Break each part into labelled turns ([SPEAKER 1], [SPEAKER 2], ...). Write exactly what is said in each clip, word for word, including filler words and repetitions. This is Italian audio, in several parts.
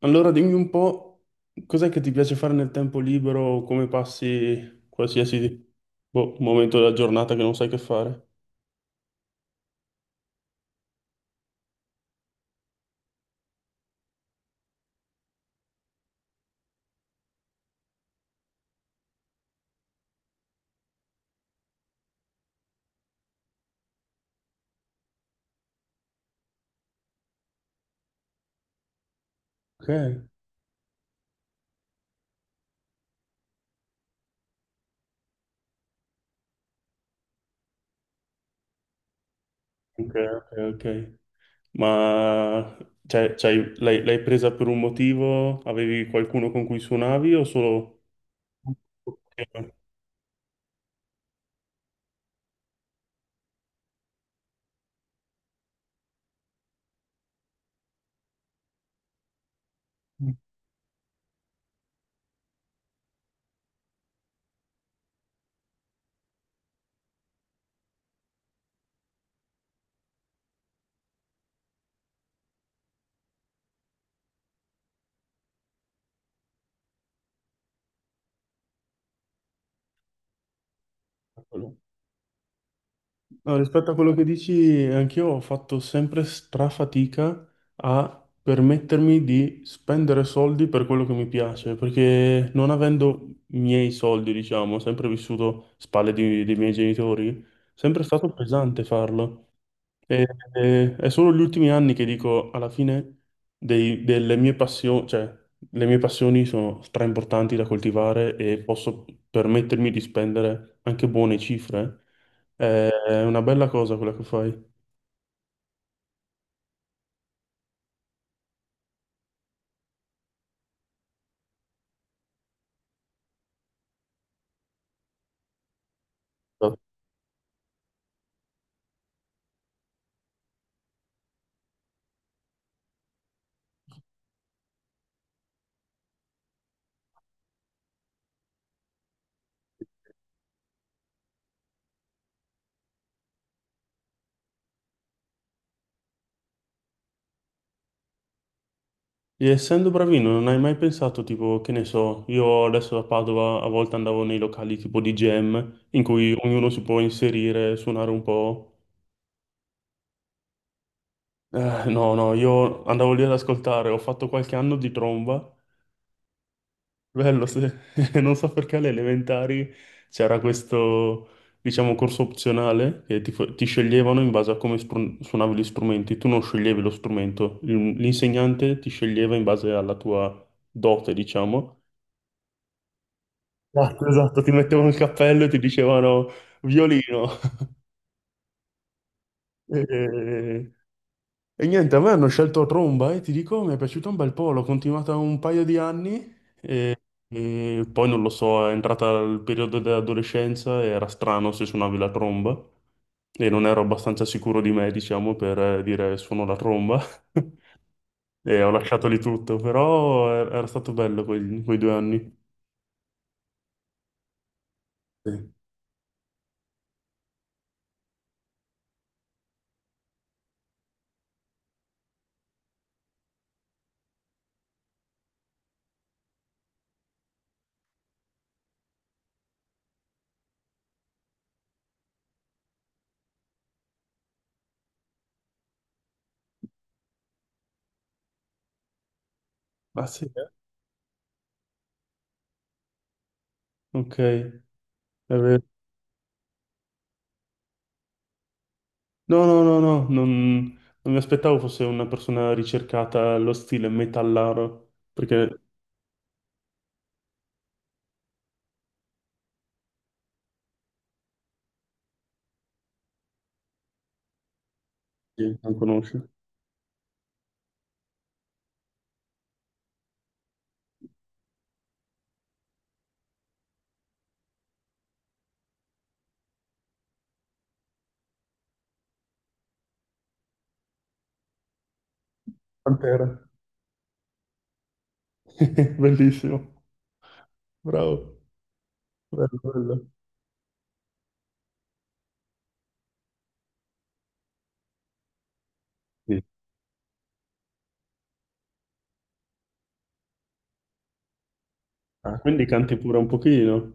[SPEAKER 1] Allora dimmi un po' cos'è che ti piace fare nel tempo libero o come passi qualsiasi, boh, momento della giornata che non sai che fare. Ok, ok, ok. Ok. Ma cioè, c'hai- l'hai l'hai presa per un motivo? Avevi qualcuno con cui suonavi o solo. No, rispetto a quello che dici, anch'io ho fatto sempre strafatica a permettermi di spendere soldi per quello che mi piace, perché non avendo i miei soldi, diciamo, ho sempre vissuto spalle di- dei miei genitori, sempre è stato pesante farlo. E- e- è solo gli ultimi anni che dico, alla fine, dei- delle mie passioni, cioè, le mie passioni sono straimportanti da coltivare e posso permettermi di spendere anche buone cifre. È è una bella cosa quella che fai. E essendo bravino, non hai mai pensato, tipo, che ne so, io adesso a Padova a volte andavo nei locali tipo di jam, in cui ognuno si può inserire, suonare un po'. Eh, no, no, io andavo lì ad ascoltare, ho fatto qualche anno di tromba. Bello, sì. Non so perché alle elementari c'era questo, diciamo, corso opzionale che ti, fa- ti sceglievano in base a come spru- suonavi gli strumenti. Tu non sceglievi lo strumento. Il- l'insegnante ti sceglieva in base alla tua dote, diciamo. Esatto, esatto, ti mettevano il cappello e ti dicevano violino. E, e niente, a me hanno scelto tromba e ti dico, mi è piaciuta un bel po', l'ho continuata un paio di anni. E poi non lo so, è entrata il periodo dell'adolescenza e era strano se suonavi la tromba e non ero abbastanza sicuro di me, diciamo, per eh, dire suono la tromba. E ho lasciato lì tutto, però er- era stato bello quei, quei due anni. Sì. Ah sì, eh? Ok, è vero. No, no, no, no, non, non mi aspettavo fosse una persona ricercata allo stile metallaro, perché sì, non conosci. Pantera. Bellissimo, bravo, bello, bello. Sì, ah, quindi canti pure un pochino.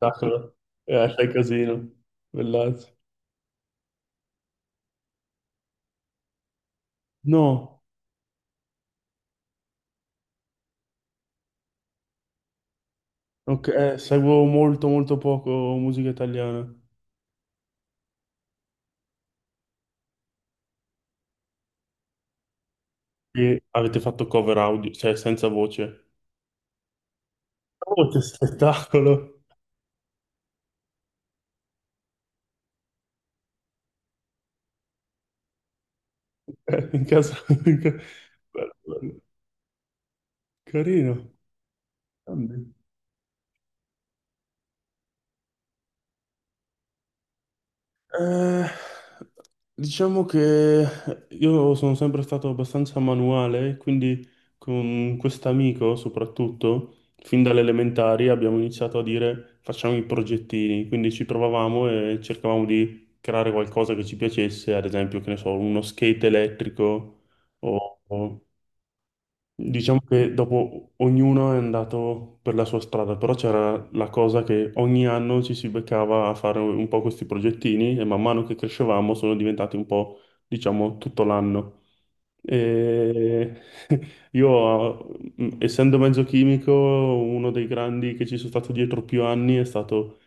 [SPEAKER 1] Sacro. Eh, fai casino. Bellazzo. No, ok, eh, seguo molto molto poco musica italiana. E avete fatto cover audio, cioè senza voce. Oh, che spettacolo! Eh, in casa. in ca- Bello, bello. Carino. Grande. Eh, diciamo che io sono sempre stato abbastanza manuale, quindi con quest'amico soprattutto, fin dalle elementari abbiamo iniziato a dire facciamo i progettini, quindi ci provavamo e cercavamo di creare qualcosa che ci piacesse, ad esempio, che ne so, uno skate elettrico o, o Diciamo che dopo ognuno è andato per la sua strada, però c'era la cosa che ogni anno ci si beccava a fare un po' questi progettini e man mano che crescevamo sono diventati un po', diciamo, tutto l'anno. E io, essendo mezzo chimico, uno dei grandi che ci sono stato dietro più anni è stato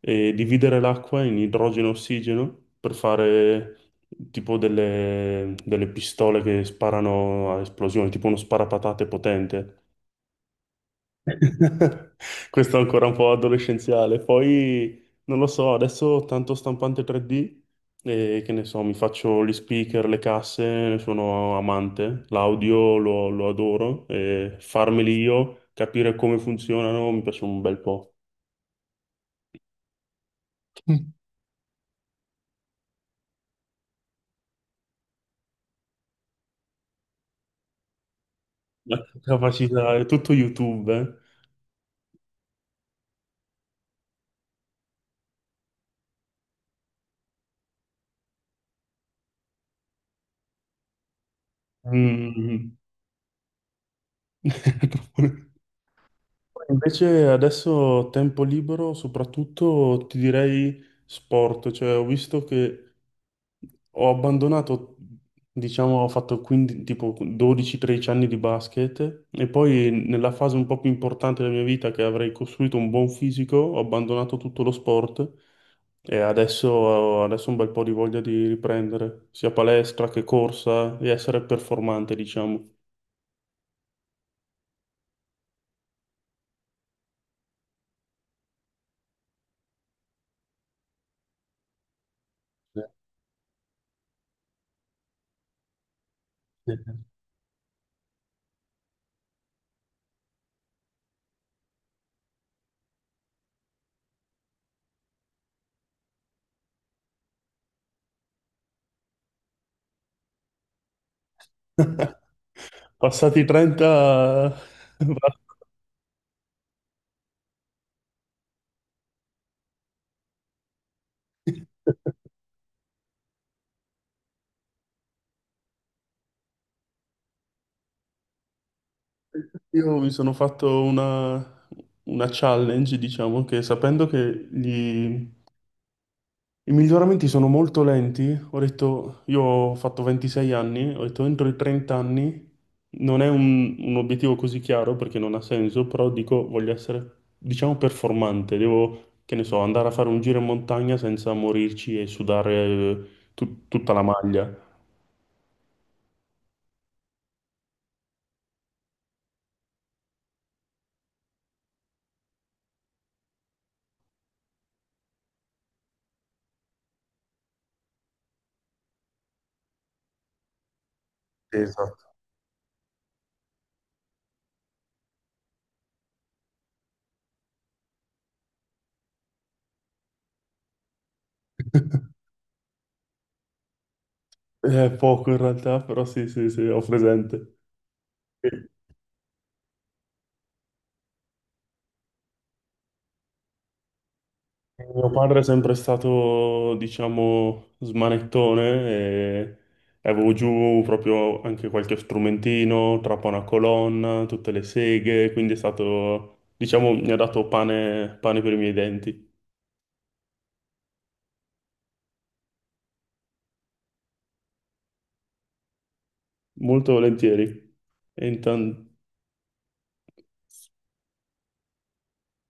[SPEAKER 1] e dividere l'acqua in idrogeno e ossigeno per fare tipo delle, delle pistole che sparano a esplosione, tipo uno sparapatate potente. Questo è ancora un po' adolescenziale. Poi non lo so, adesso tanto stampante tre D, e che ne so, mi faccio gli speaker, le casse, ne sono amante, l'audio lo, lo adoro, e farmeli io, capire come funzionano, mi piace un bel po'. La capacità è tutto YouTube. Eh. Mm. Poi invece adesso tempo libero, soprattutto ti direi sport, cioè ho visto che ho abbandonato, diciamo, ho fatto quindici, tipo dodici o tredici anni di basket e poi nella fase un po' più importante della mia vita che avrei costruito un buon fisico, ho abbandonato tutto lo sport e adesso, adesso ho un bel po' di voglia di riprendere sia palestra che corsa e essere performante, diciamo. Sì. Passati i trenta, io mi sono fatto una, una challenge, diciamo, che sapendo che gli i miglioramenti sono molto lenti. Ho detto, io ho fatto ventisei anni, ho detto entro i trenta anni non è un, un obiettivo così chiaro perché non ha senso, però dico voglio essere, diciamo, performante. Devo, che ne so, andare a fare un giro in montagna senza morirci e sudare eh, tut- tutta la maglia. Esatto. È poco in realtà, però sì, sì, sì, ho presente. Mio padre è sempre stato, diciamo, smanettone e avevo giù proprio anche qualche strumentino, trapana colonna, tutte le seghe, quindi è stato, diciamo, mi ha dato pane, pane per i miei denti, molto volentieri. E intan-